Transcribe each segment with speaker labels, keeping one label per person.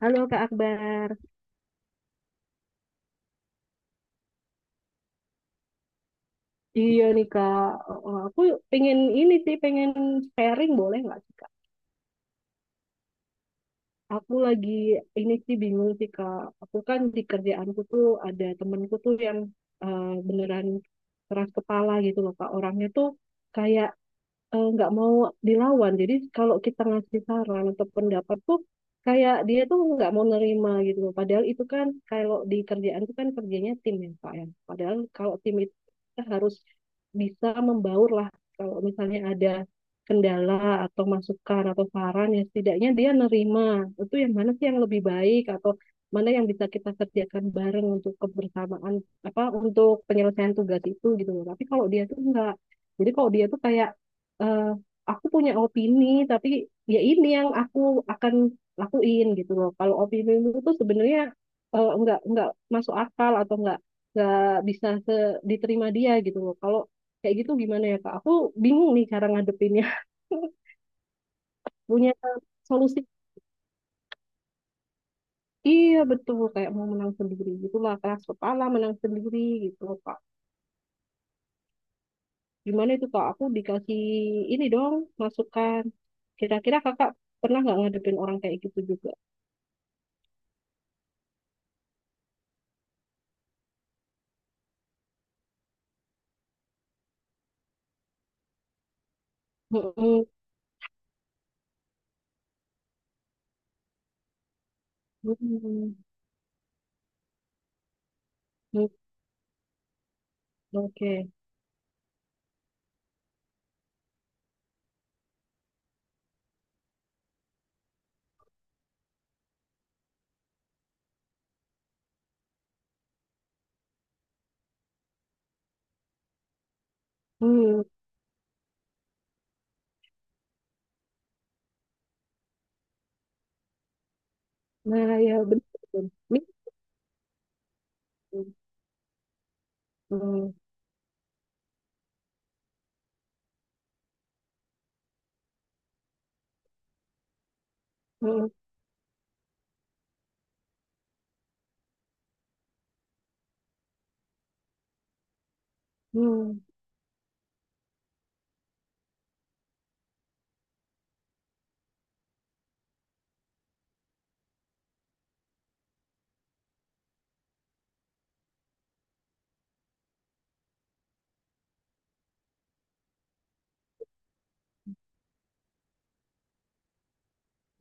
Speaker 1: Halo Kak Akbar. Iya nih Kak. Aku pengen ini sih, pengen sharing boleh nggak sih Kak? Aku lagi ini sih bingung sih Kak. Aku kan di kerjaanku tuh ada temenku tuh yang beneran keras kepala gitu loh Kak. Orangnya tuh kayak nggak mau dilawan. Jadi kalau kita ngasih saran atau pendapat tuh kayak dia tuh nggak mau nerima gitu loh. Padahal itu kan kalau di kerjaan itu kan kerjanya tim ya Pak ya. Padahal kalau tim itu kita harus bisa membaur lah. Kalau misalnya ada kendala atau masukan atau saran ya setidaknya dia nerima. Itu yang mana sih yang lebih baik atau mana yang bisa kita kerjakan bareng untuk kebersamaan apa untuk penyelesaian tugas itu gitu loh. Tapi kalau dia tuh nggak, jadi kalau dia tuh kayak eh, aku punya opini tapi ya ini yang aku akan lakuin gitu loh. Kalau opini itu sebenarnya nggak masuk akal atau nggak bisa diterima dia gitu loh. Kalau kayak gitu gimana ya Kak? Aku bingung nih cara ngadepinnya. Punya solusi? Iya betul kayak mau menang sendiri gitulah keras kepala menang sendiri gitu loh Kak. Gimana itu Kak? Aku dikasih ini dong masukan. Kira-kira Kakak pernah nggak ngadepin orang kayak gitu juga? Mm-mm. Hmm. Hmm. Oke. Hmm. Nah, ya betul. Ini. Hmm. Hmm. Hmm. Hmm.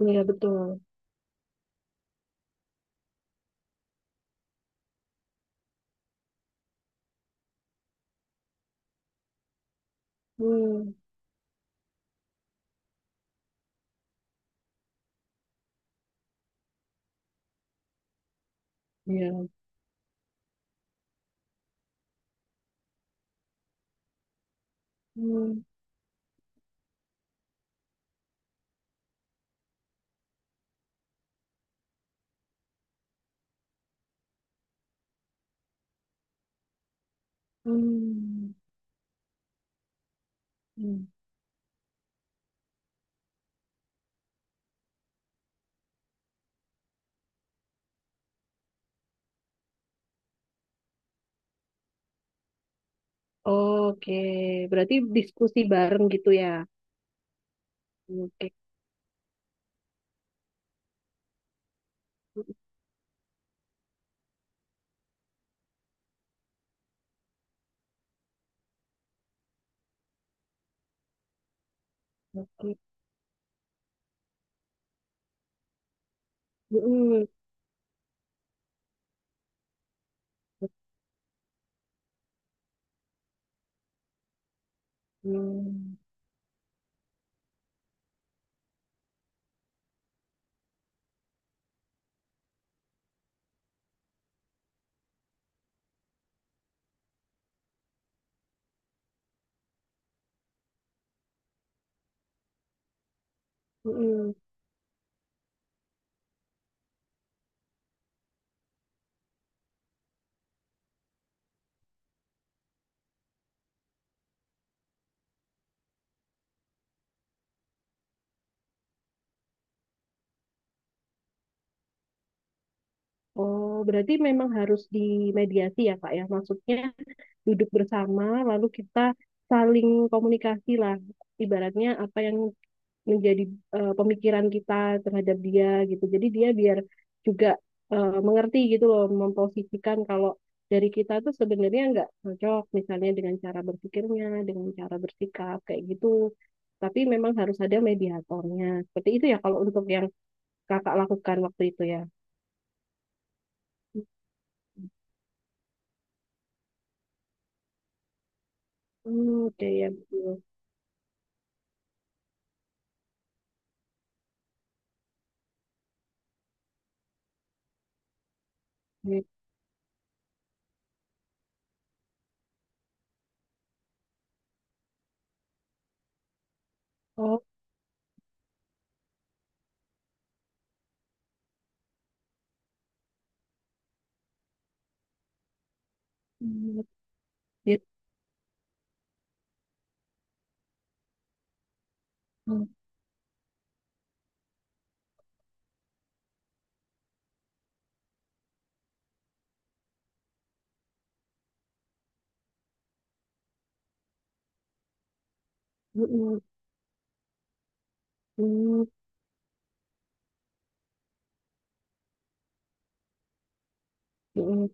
Speaker 1: Iya betul. Hmm. Ya. Hmm. Hmm. Hmm. Oke, berarti diskusi bareng gitu ya. Oke. Oke. Hmm. Hmm. Hmm. Oh, berarti memang harus dimediasi ya, Kak ya. Maksudnya duduk bersama, lalu kita saling komunikasi lah. Ibaratnya apa yang menjadi pemikiran kita terhadap dia gitu. Jadi dia biar juga mengerti gitu loh memposisikan kalau dari kita tuh sebenarnya nggak cocok misalnya dengan cara berpikirnya, dengan cara bersikap kayak gitu. Tapi memang harus ada mediatornya. Seperti itu ya kalau untuk yang kakak lakukan waktu itu ya. Hmm, oke ya betul. Gitu. Oh. Hmm. Gitu. Hmm. Hmm. Hmm. Hmm.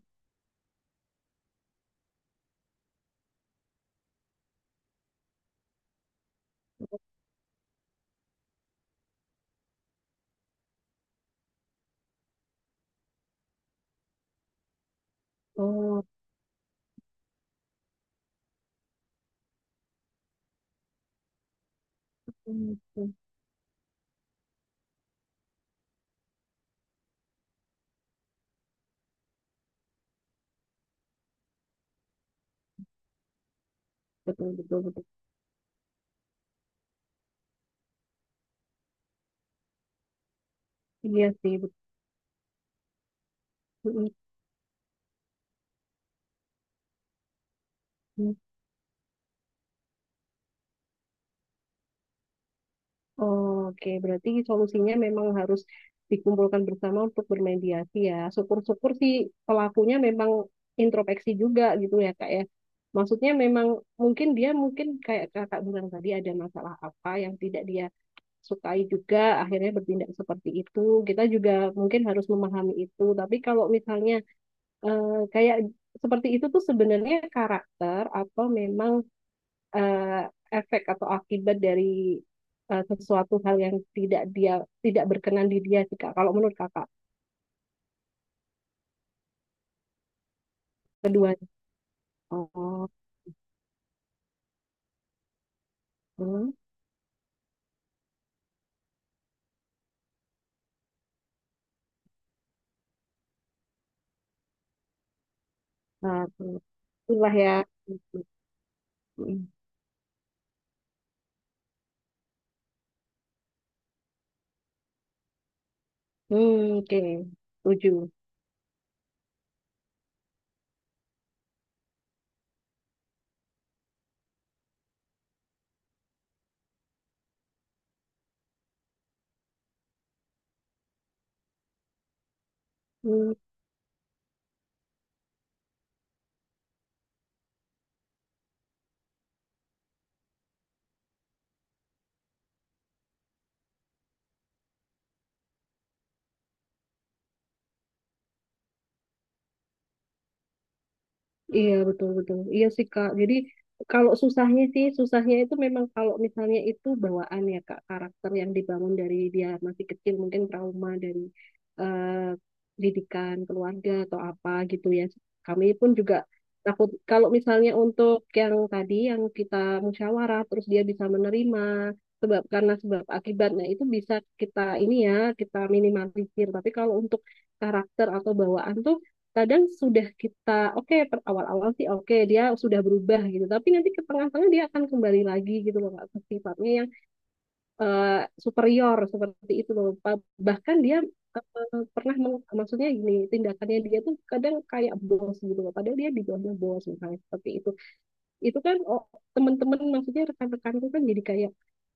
Speaker 1: Oh. Hmm. Hmm. Betul betul betul. Iya sih betul. Hmm. Hmm. Oke, berarti solusinya memang harus dikumpulkan bersama untuk bermediasi ya. Syukur-syukur sih pelakunya memang introspeksi juga gitu ya kak ya. Maksudnya memang mungkin dia mungkin kayak kakak bilang tadi ada masalah apa yang tidak dia sukai juga akhirnya bertindak seperti itu. Kita juga mungkin harus memahami itu. Tapi kalau misalnya kayak seperti itu tuh sebenarnya karakter atau memang eh, efek atau akibat dari sesuatu hal yang tidak dia tidak berkenan di dia sih Kak. Kalau menurut Kakak kedua. Oh. Hmm. Nah, itulah ya. Hmm, oke. Setuju. Hmm. Iya betul betul. Iya sih Kak. Jadi kalau susahnya sih susahnya itu memang kalau misalnya itu bawaan ya Kak karakter yang dibangun dari dia masih kecil mungkin trauma dari eh, didikan keluarga atau apa gitu ya. Kami pun juga takut kalau misalnya untuk yang tadi yang kita musyawarah terus dia bisa menerima sebab karena sebab akibatnya itu bisa kita ini ya kita minimalisir. Tapi kalau untuk karakter atau bawaan tuh kadang sudah kita oke awal-awal sih oke dia sudah berubah gitu tapi nanti ke tengah-tengah dia akan kembali lagi gitu loh Kak, ke sifatnya yang eh, superior seperti itu loh bahkan dia maksudnya gini tindakannya dia tuh kadang kayak bos gitu loh padahal dia di bawahnya bos misalnya seperti itu kan oh, teman-teman maksudnya rekan-rekanku kan jadi kayak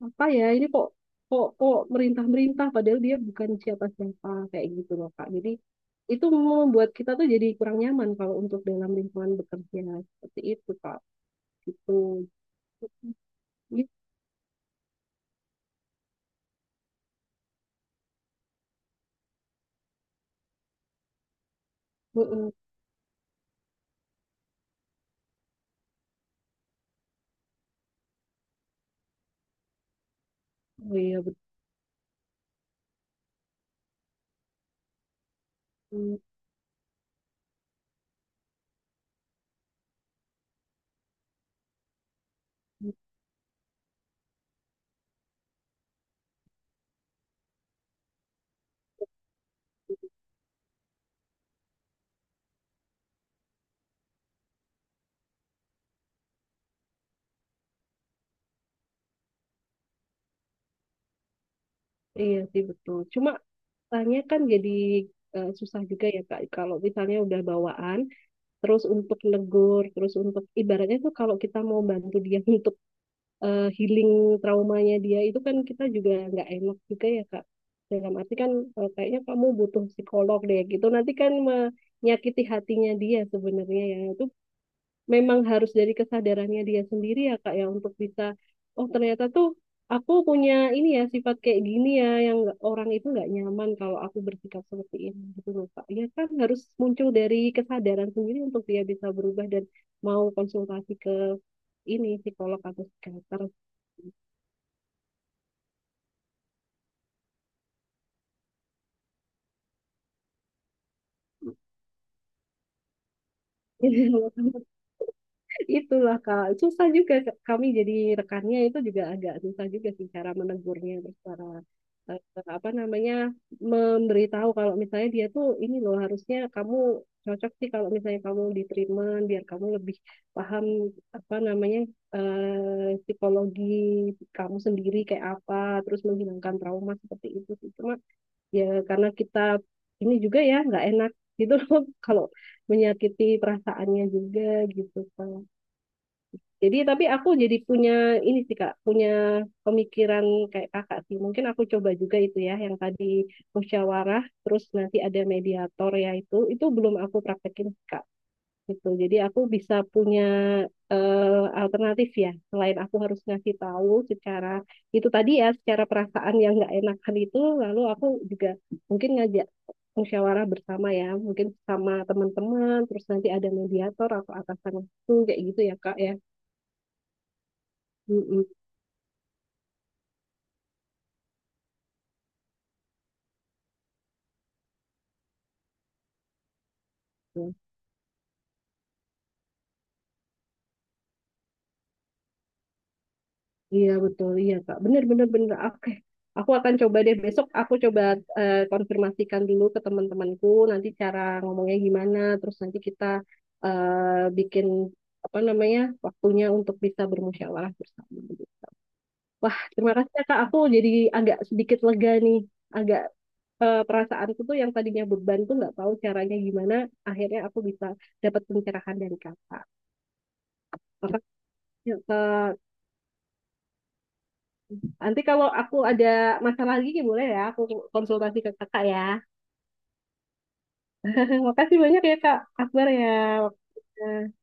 Speaker 1: apa ya ini kok kok kok merintah-merintah padahal dia bukan siapa-siapa kayak gitu loh Kak. Jadi itu membuat kita tuh jadi kurang nyaman kalau untuk dalam lingkungan bekerja seperti itu Kak. Gitu. Gitu. Mm-mm. Oh iya betul. Iya sih betul. Cuma tanya kan jadi susah juga ya Kak. Kalau misalnya udah bawaan, terus untuk negur, terus untuk ibaratnya tuh kalau kita mau bantu dia untuk healing traumanya dia itu kan kita juga nggak enak juga ya Kak. Dalam arti kan kayaknya kamu butuh psikolog deh gitu. Nanti kan menyakiti hatinya dia sebenarnya ya. Itu memang harus dari kesadarannya dia sendiri ya Kak ya untuk bisa oh ternyata tuh aku punya ini ya sifat kayak gini ya yang orang itu nggak nyaman kalau aku bersikap seperti ini gitu loh Kak. Ya kan harus muncul dari kesadaran sendiri untuk dia bisa berubah dan mau konsultasi ke ini psikolog atau psikiater. Itulah Kak, susah juga Kak. Kami jadi rekannya itu juga agak susah juga sih cara menegurnya, terus cara eh, apa namanya memberitahu kalau misalnya dia tuh ini loh harusnya kamu cocok sih kalau misalnya kamu di treatment biar kamu lebih paham apa namanya psikologi kamu sendiri kayak apa, terus menghilangkan trauma seperti itu sih. Cuma ya karena kita ini juga ya nggak enak gitu loh kalau menyakiti perasaannya juga gitu Kak. Jadi tapi aku jadi punya ini sih Kak, punya pemikiran kayak Kakak sih. Mungkin aku coba juga itu ya yang tadi musyawarah terus nanti ada mediator ya itu belum aku praktekin Kak gitu. Jadi aku bisa punya eh, alternatif ya, selain aku harus ngasih tahu secara itu tadi ya, secara perasaan yang nggak enakan itu, lalu aku juga mungkin ngajak musyawarah bersama ya, mungkin sama teman-teman, terus nanti ada mediator atau atasan itu kayak gitu ya Kak ya. Mm-mm. Iya betul, iya Kak. Bener bener bener. Oke, aku akan coba deh besok. Aku coba konfirmasikan dulu ke teman-temanku nanti cara ngomongnya gimana. Terus nanti kita bikin apa namanya waktunya untuk bisa bermusyawarah bersama. Wah, terima kasih ya Kak. Aku jadi agak sedikit lega nih. Agak perasaanku tuh yang tadinya beban tuh nggak tahu caranya gimana. Akhirnya aku bisa dapat pencerahan dari Kakak. Makasih ya Kak. Nanti kalau aku ada masalah lagi ya boleh ya, aku konsultasi ke kakak ya. Makasih banyak ya Kak Akbar ya. Waktunya.